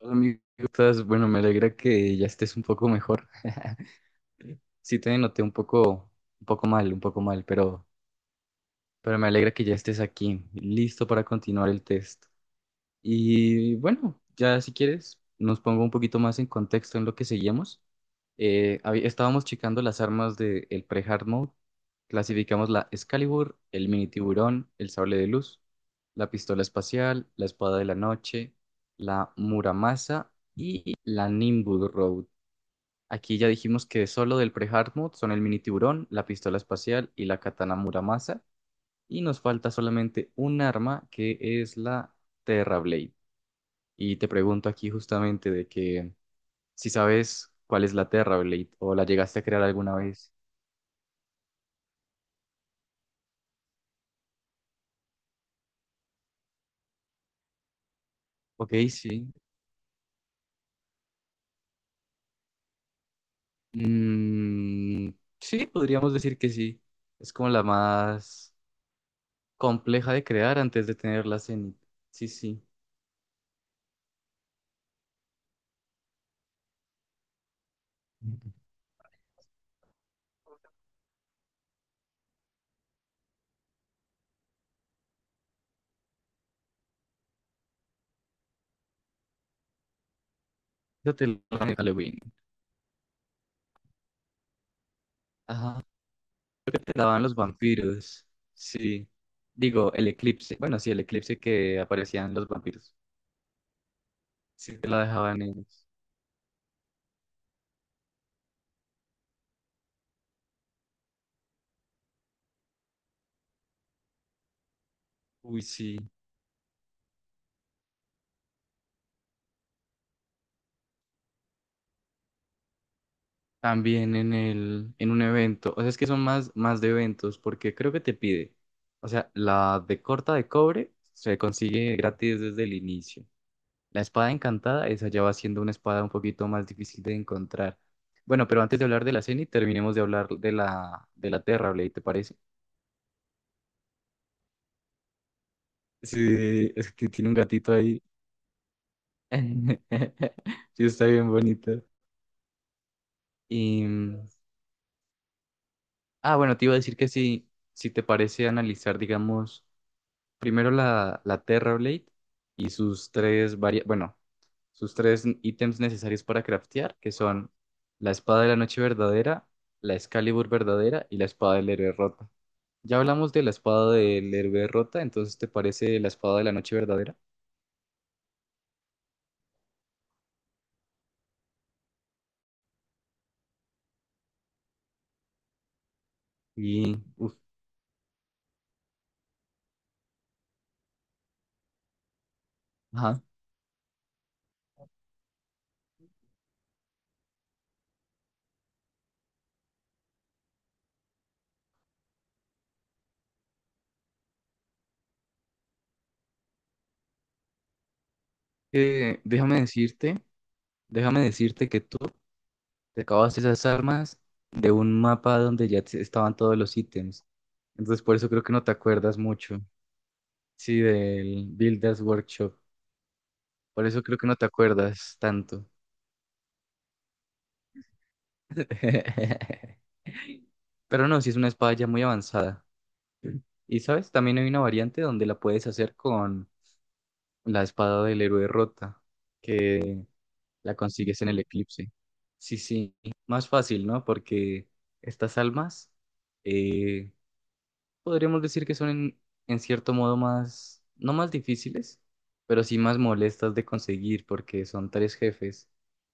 Hola, amigo, ¿cómo estás? Bueno, me alegra que ya estés un poco mejor. Sí, te noté un poco mal, pero me alegra que ya estés aquí, listo para continuar el test. Y bueno, ya si quieres, nos pongo un poquito más en contexto en lo que seguimos. Estábamos checando las armas del pre-hard mode. Clasificamos la Excalibur, el mini tiburón, el sable de luz, la pistola espacial, la espada de la noche, la Muramasa y la Nimbus Road. Aquí ya dijimos que solo del pre-hard mode son el mini tiburón, la pistola espacial y la katana Muramasa. Y nos falta solamente un arma que es la Terra Blade. Y te pregunto aquí justamente de que si sabes cuál es la Terra Blade o la llegaste a crear alguna vez. Ok, sí. Mm, sí, podríamos decir que sí. Es como la más compleja de crear antes de tener la Zenith. Sí, sí. Yo te lo Halloween. Ajá. Daban los vampiros. Sí. Digo, el eclipse. Bueno, sí, el eclipse que aparecían los vampiros. Sí, te la dejaban ellos. Uy, sí. También en el, en un evento. O sea, es que son más, más de eventos, porque creo que te pide. O sea, la de corta de cobre se consigue gratis desde el inicio. La espada encantada, esa ya va siendo una espada un poquito más difícil de encontrar. Bueno, pero antes de hablar de la y terminemos de hablar de la Terra, ¿te parece? Sí, es que tiene un gatito ahí. Sí, está bien bonito. Y, mm, bueno, te iba a decir que si, si te parece analizar, digamos, primero la, la Terra Blade y bueno, sus tres ítems necesarios para craftear, que son la espada de la noche verdadera, la Excalibur verdadera y la espada del héroe rota. Ya hablamos de la espada del héroe rota, entonces ¿te parece la espada de la noche verdadera? Y, uff, ajá. Eh, déjame decirte, déjame decirte que tú sacabas esas armas de un mapa donde estaban todos los ítems. Entonces, por eso creo que no te acuerdas mucho. Sí, del Builders Workshop. Por eso creo que no te acuerdas tanto. Pero no, sí es una espada ya muy avanzada. Y sabes, también hay una variante donde la puedes hacer con la espada del héroe rota, que la consigues en el eclipse. Sí, sí, más fácil, ¿no? Porque estas almas eh, podríamos decir que son en cierto modo más, no más difíciles, pero sí más molestas de conseguir porque son tres jefes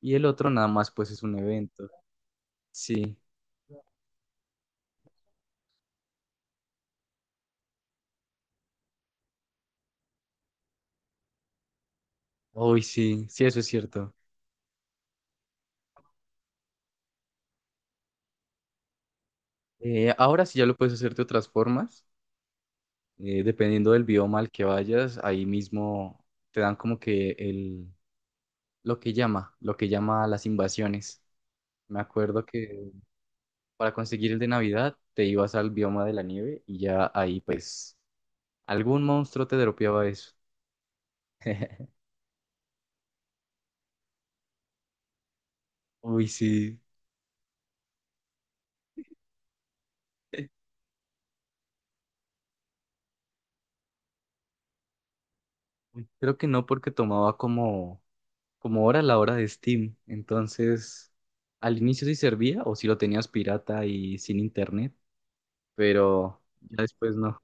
y el otro nada más pues es un evento. Sí, hoy sí, sí, eso es cierto. Ahora sí ya lo puedes hacer de otras formas, dependiendo del bioma al que vayas, ahí mismo te dan como que el, lo que llama las invasiones. Me acuerdo que para conseguir el de Navidad te ibas al bioma de la nieve y ya ahí pues algún monstruo te dropeaba eso. Uy, sí. Creo que no porque tomaba como, como hora la hora de Steam. Entonces, al inicio sí servía o si lo tenías pirata y sin internet, pero ya después no.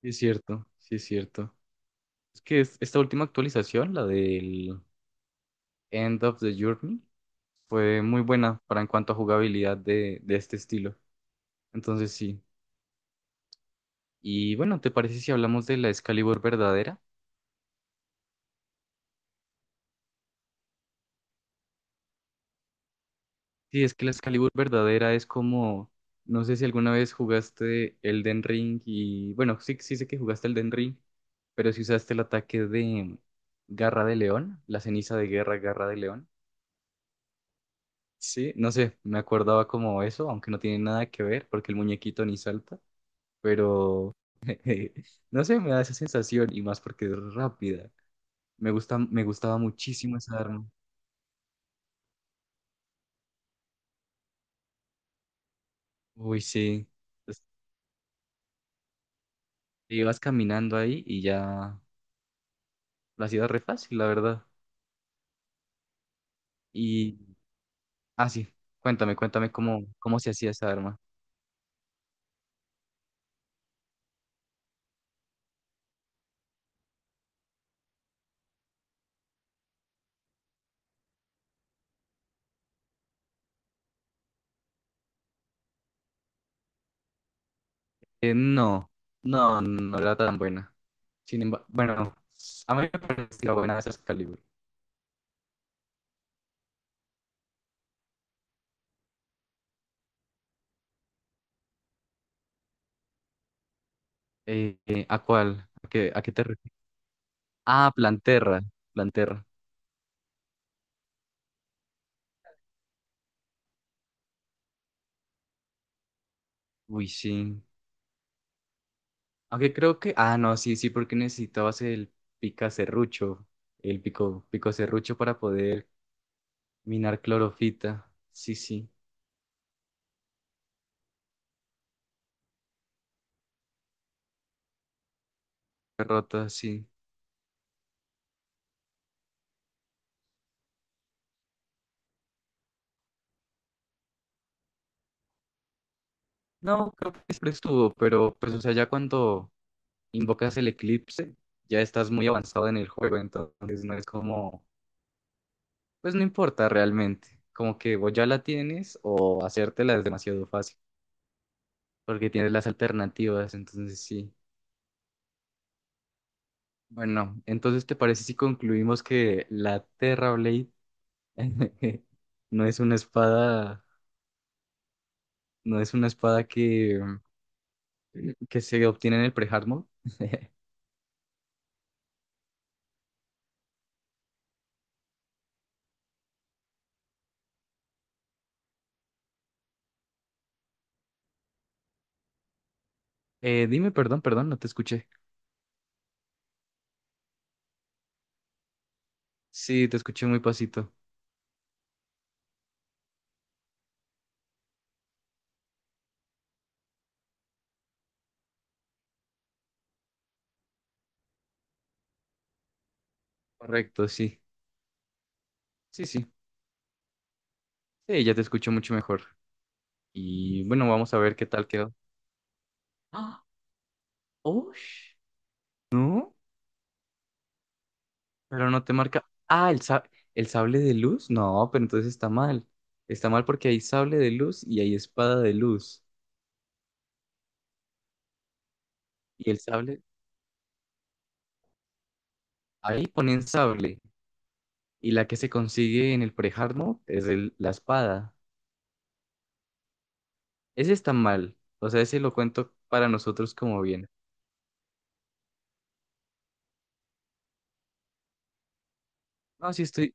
Sí es cierto, sí es cierto. Es que esta última actualización, la del End of the Journey, fue muy buena para en cuanto a jugabilidad de este estilo. Entonces sí. Y bueno, ¿te parece si hablamos de la Excalibur verdadera? Sí, es que la Excalibur verdadera es como, no sé si alguna vez jugaste Elden Ring y, bueno, sí, sí sé que jugaste Elden Ring, pero si usaste el ataque de Garra de León, la ceniza de guerra Garra de León. Sí, no sé, me acordaba como eso, aunque no tiene nada que ver porque el muñequito ni salta, pero eh, no sé, me da esa sensación y más porque es rápida. Me gusta, me gustaba muchísimo esa arma. Uy, sí. Entonces, te ibas caminando ahí y ya la hacías re fácil, la verdad. Y, ah, sí, cuéntame, cuéntame cómo, cómo se hacía esa arma. No, no, no era tan buena. Sin embargo, bueno, a mí me parecía buena esa Excalibur. ¿A cuál? A qué te refieres? Ah, Planterra, Planterra. Uy, sí. Aunque creo que, ah, no, sí, sí, porque necesitabas el pica serrucho, el pico, pico serrucho para poder minar clorofita. Sí, sí, rota, sí. No, creo que siempre estuvo, pero pues, o sea, ya cuando invocas el eclipse, ya estás muy avanzado en el juego, entonces no es como, pues no importa realmente, como que vos ya la tienes o hacértela es demasiado fácil, porque tienes las alternativas, entonces sí. Bueno, entonces ¿te parece si concluimos que la Terra Blade no es una espada, no es una espada que se obtiene en el pre-hard mode? Dime, perdón, perdón, no te escuché. Sí, te escuché muy pasito. Correcto, sí. Sí, sí. Sí, ya te escucho mucho mejor. Y bueno, vamos a ver qué tal quedó. ¡Ah! ¡Ush! No, pero no te marca. El sable de luz. No, pero entonces está mal. Está mal porque hay sable de luz y hay espada de luz. Y el sable, ahí ponen sable. Y la que se consigue en el pre-hard mode es la espada. Ese está mal. O sea, ese lo cuento para nosotros como bien. No, sí estoy.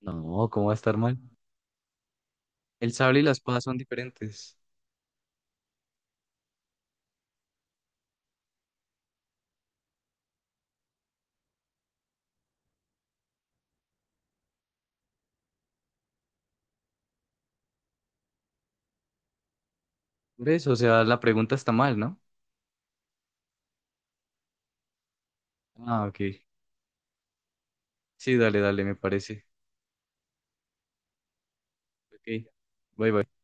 No, ¿cómo va a estar mal? El sable y la espada son diferentes. Por eso, o sea, la pregunta está mal, ¿no? Ah, ok. Sí, dale, dale, me parece. Ok. Bye, bye.